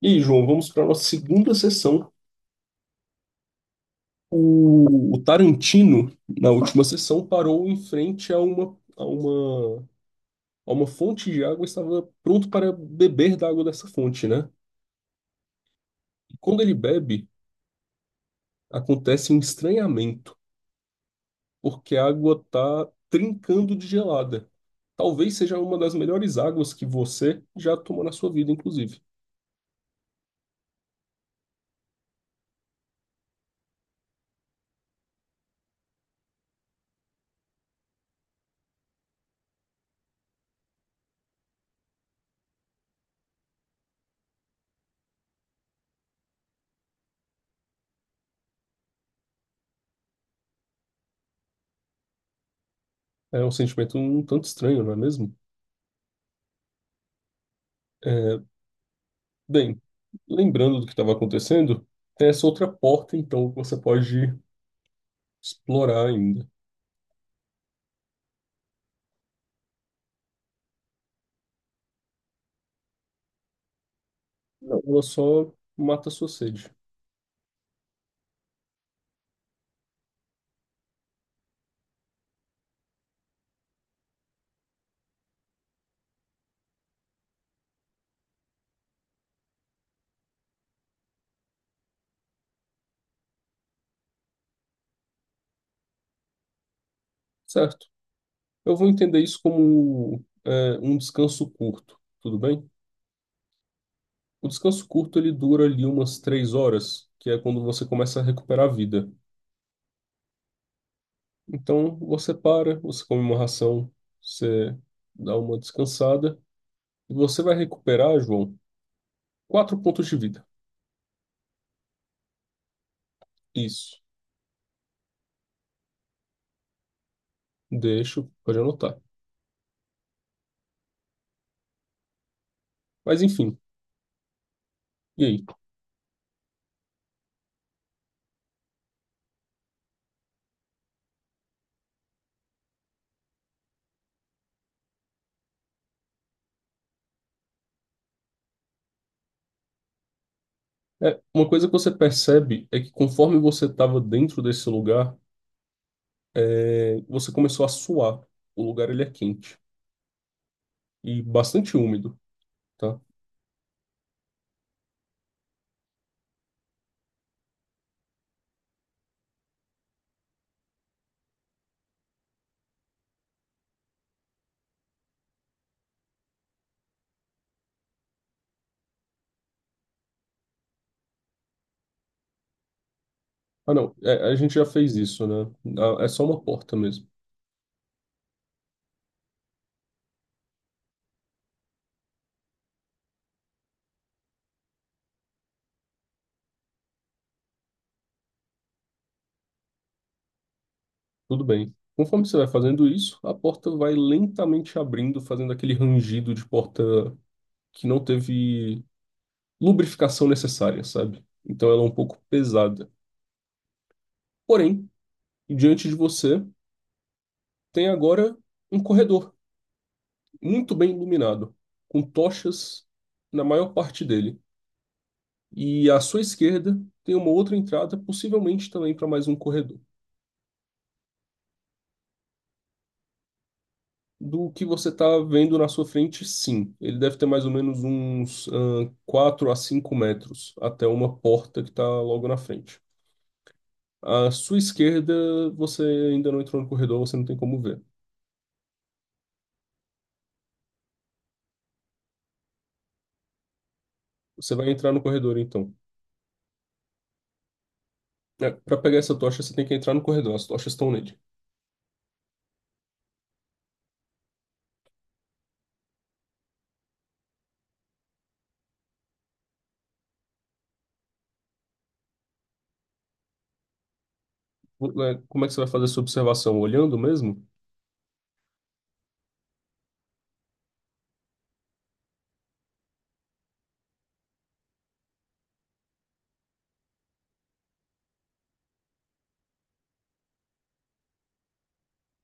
E aí, João, vamos para a nossa segunda sessão. O Tarantino, na última sessão, parou em frente a uma fonte de água e estava pronto para beber da água dessa fonte, né? E quando ele bebe, acontece um estranhamento, porque a água está trincando de gelada. Talvez seja uma das melhores águas que você já tomou na sua vida, inclusive. É um sentimento um tanto estranho, não é mesmo? É, bem, lembrando do que estava acontecendo, tem essa outra porta, então, que você pode explorar ainda. Não, ela só mata a sua sede, certo? Eu vou entender isso como um descanso curto, tudo bem? O descanso curto ele dura ali umas 3 horas, que é quando você começa a recuperar a vida. Então você para, você come uma ração, você dá uma descansada e você vai recuperar, João, 4 pontos de vida. Isso. Deixo, pode anotar. Mas enfim, e aí? É, uma coisa que você percebe é que conforme você estava dentro desse lugar você começou a suar. O lugar ele é quente e bastante úmido, tá? Ah, não, a gente já fez isso, né? Ah, é só uma porta mesmo. Tudo bem. Conforme você vai fazendo isso, a porta vai lentamente abrindo, fazendo aquele rangido de porta que não teve lubrificação necessária, sabe? Então ela é um pouco pesada. Porém, diante de você tem agora um corredor muito bem iluminado, com tochas na maior parte dele. E à sua esquerda tem uma outra entrada, possivelmente também para mais um corredor. Do que você está vendo na sua frente, sim. Ele deve ter mais ou menos uns 4 a 5 metros até uma porta que está logo na frente. À sua esquerda, você ainda não entrou no corredor, você não tem como ver. Você vai entrar no corredor, então. É, para pegar essa tocha, você tem que entrar no corredor, as tochas estão nele. Como é que você vai fazer essa observação? Olhando mesmo?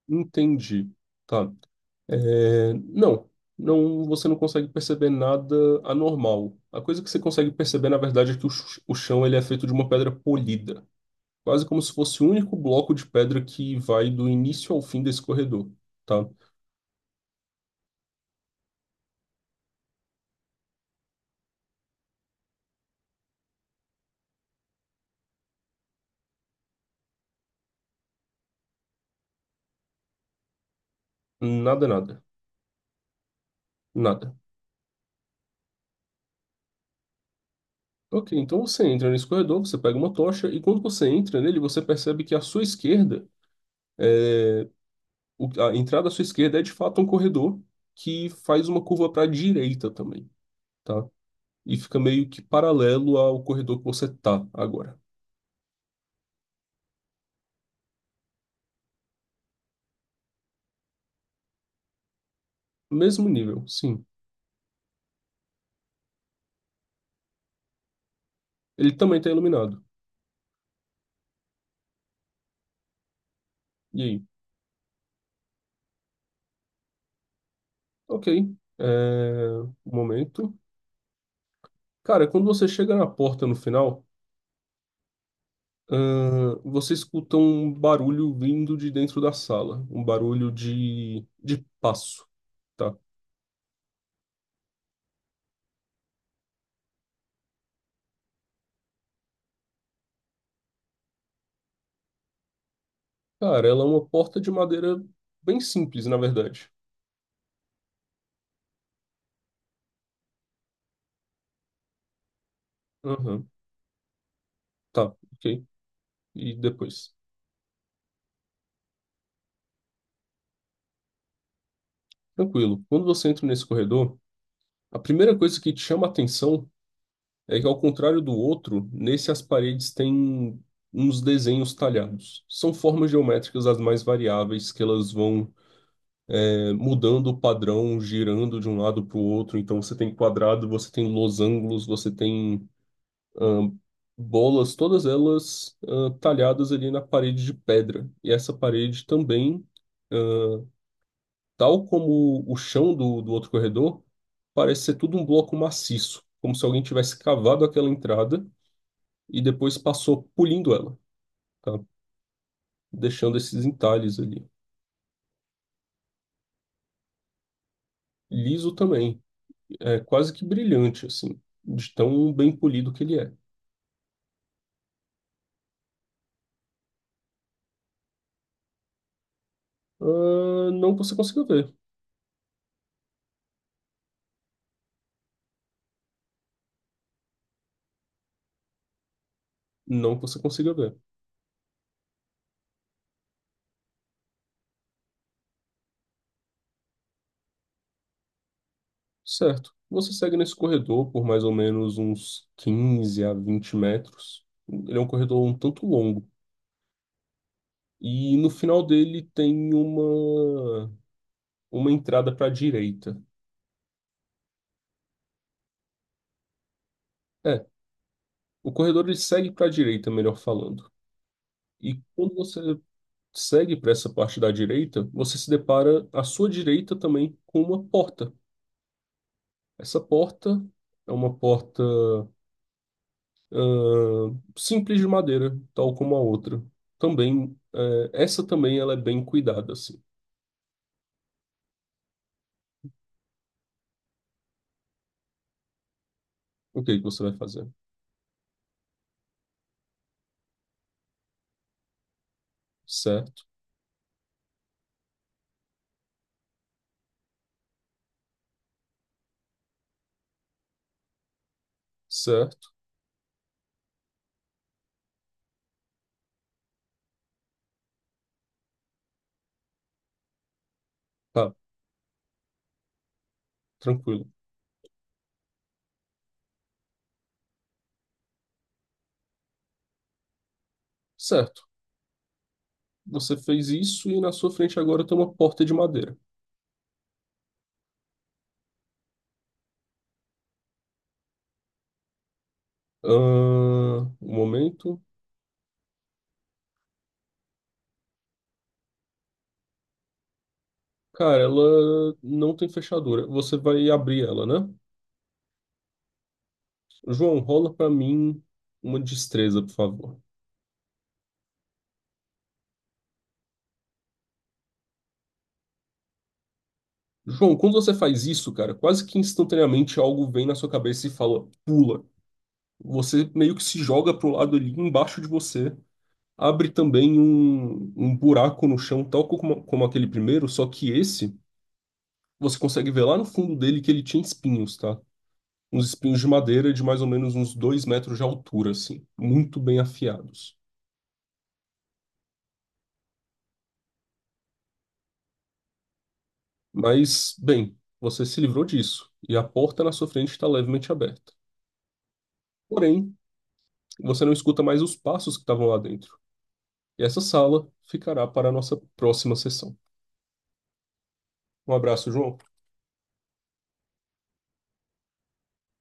Entendi. Tá. É, não, não, você não consegue perceber nada anormal. A coisa que você consegue perceber, na verdade, é que o, o chão ele é feito de uma pedra polida, quase como se fosse o único bloco de pedra que vai do início ao fim desse corredor, tá? Nada, nada, nada. Ok, então você entra nesse corredor, você pega uma tocha e quando você entra nele, você percebe que à sua esquerda, é, a entrada à sua esquerda é de fato um corredor que faz uma curva para a direita também. Tá? E fica meio que paralelo ao corredor que você tá agora. Mesmo nível, sim. Ele também tá iluminado. E aí? Ok. É... Um momento. Cara, quando você chega na porta no final, você escuta um barulho vindo de dentro da sala. Um barulho de passo, tá? Cara, ela é uma porta de madeira bem simples, na verdade. Aham. Tá, ok. E depois? Tranquilo. Quando você entra nesse corredor, a primeira coisa que te chama a atenção é que, ao contrário do outro, nesse as paredes têm uns desenhos talhados. São formas geométricas as mais variáveis, que elas vão, mudando o padrão, girando de um lado para o outro. Então, você tem quadrado, você tem losangos, você tem ah, bolas, todas elas talhadas ali na parede de pedra. E essa parede também, ah, tal como o chão do outro corredor, parece ser tudo um bloco maciço, como se alguém tivesse cavado aquela entrada e depois passou polindo ela, tá? Deixando esses entalhes ali. Liso também, é quase que brilhante, assim, de tão bem polido que ele é. Ah, não que você consiga ver, não que você consiga ver. Certo, você segue nesse corredor por mais ou menos uns 15 a 20 metros. Ele é um corredor um tanto longo. E no final dele tem uma entrada para a direita. É, o corredor ele segue para a direita, melhor falando. E quando você segue para essa parte da direita, você se depara à sua direita também com uma porta. Essa porta é uma porta ah, simples de madeira, tal como a outra. Também, essa também ela é bem cuidada, assim. O que é que você vai fazer? Certo, certo, tá, tranquilo. Certo, você fez isso e na sua frente agora tem uma porta de madeira. Ah, um momento. Cara, ela não tem fechadura. Você vai abrir ela, né? João, rola pra mim uma destreza, por favor. João, quando você faz isso, cara, quase que instantaneamente algo vem na sua cabeça e fala, pula. Você meio que se joga pro lado ali embaixo de você. Abre também um buraco no chão, tal como aquele primeiro, só que esse, você consegue ver lá no fundo dele que ele tinha espinhos, tá? Uns espinhos de madeira de mais ou menos uns 2 metros de altura, assim, muito bem afiados. Mas, bem, você se livrou disso, e a porta na sua frente está levemente aberta. Porém, você não escuta mais os passos que estavam lá dentro. E essa sala ficará para a nossa próxima sessão. Um abraço, João.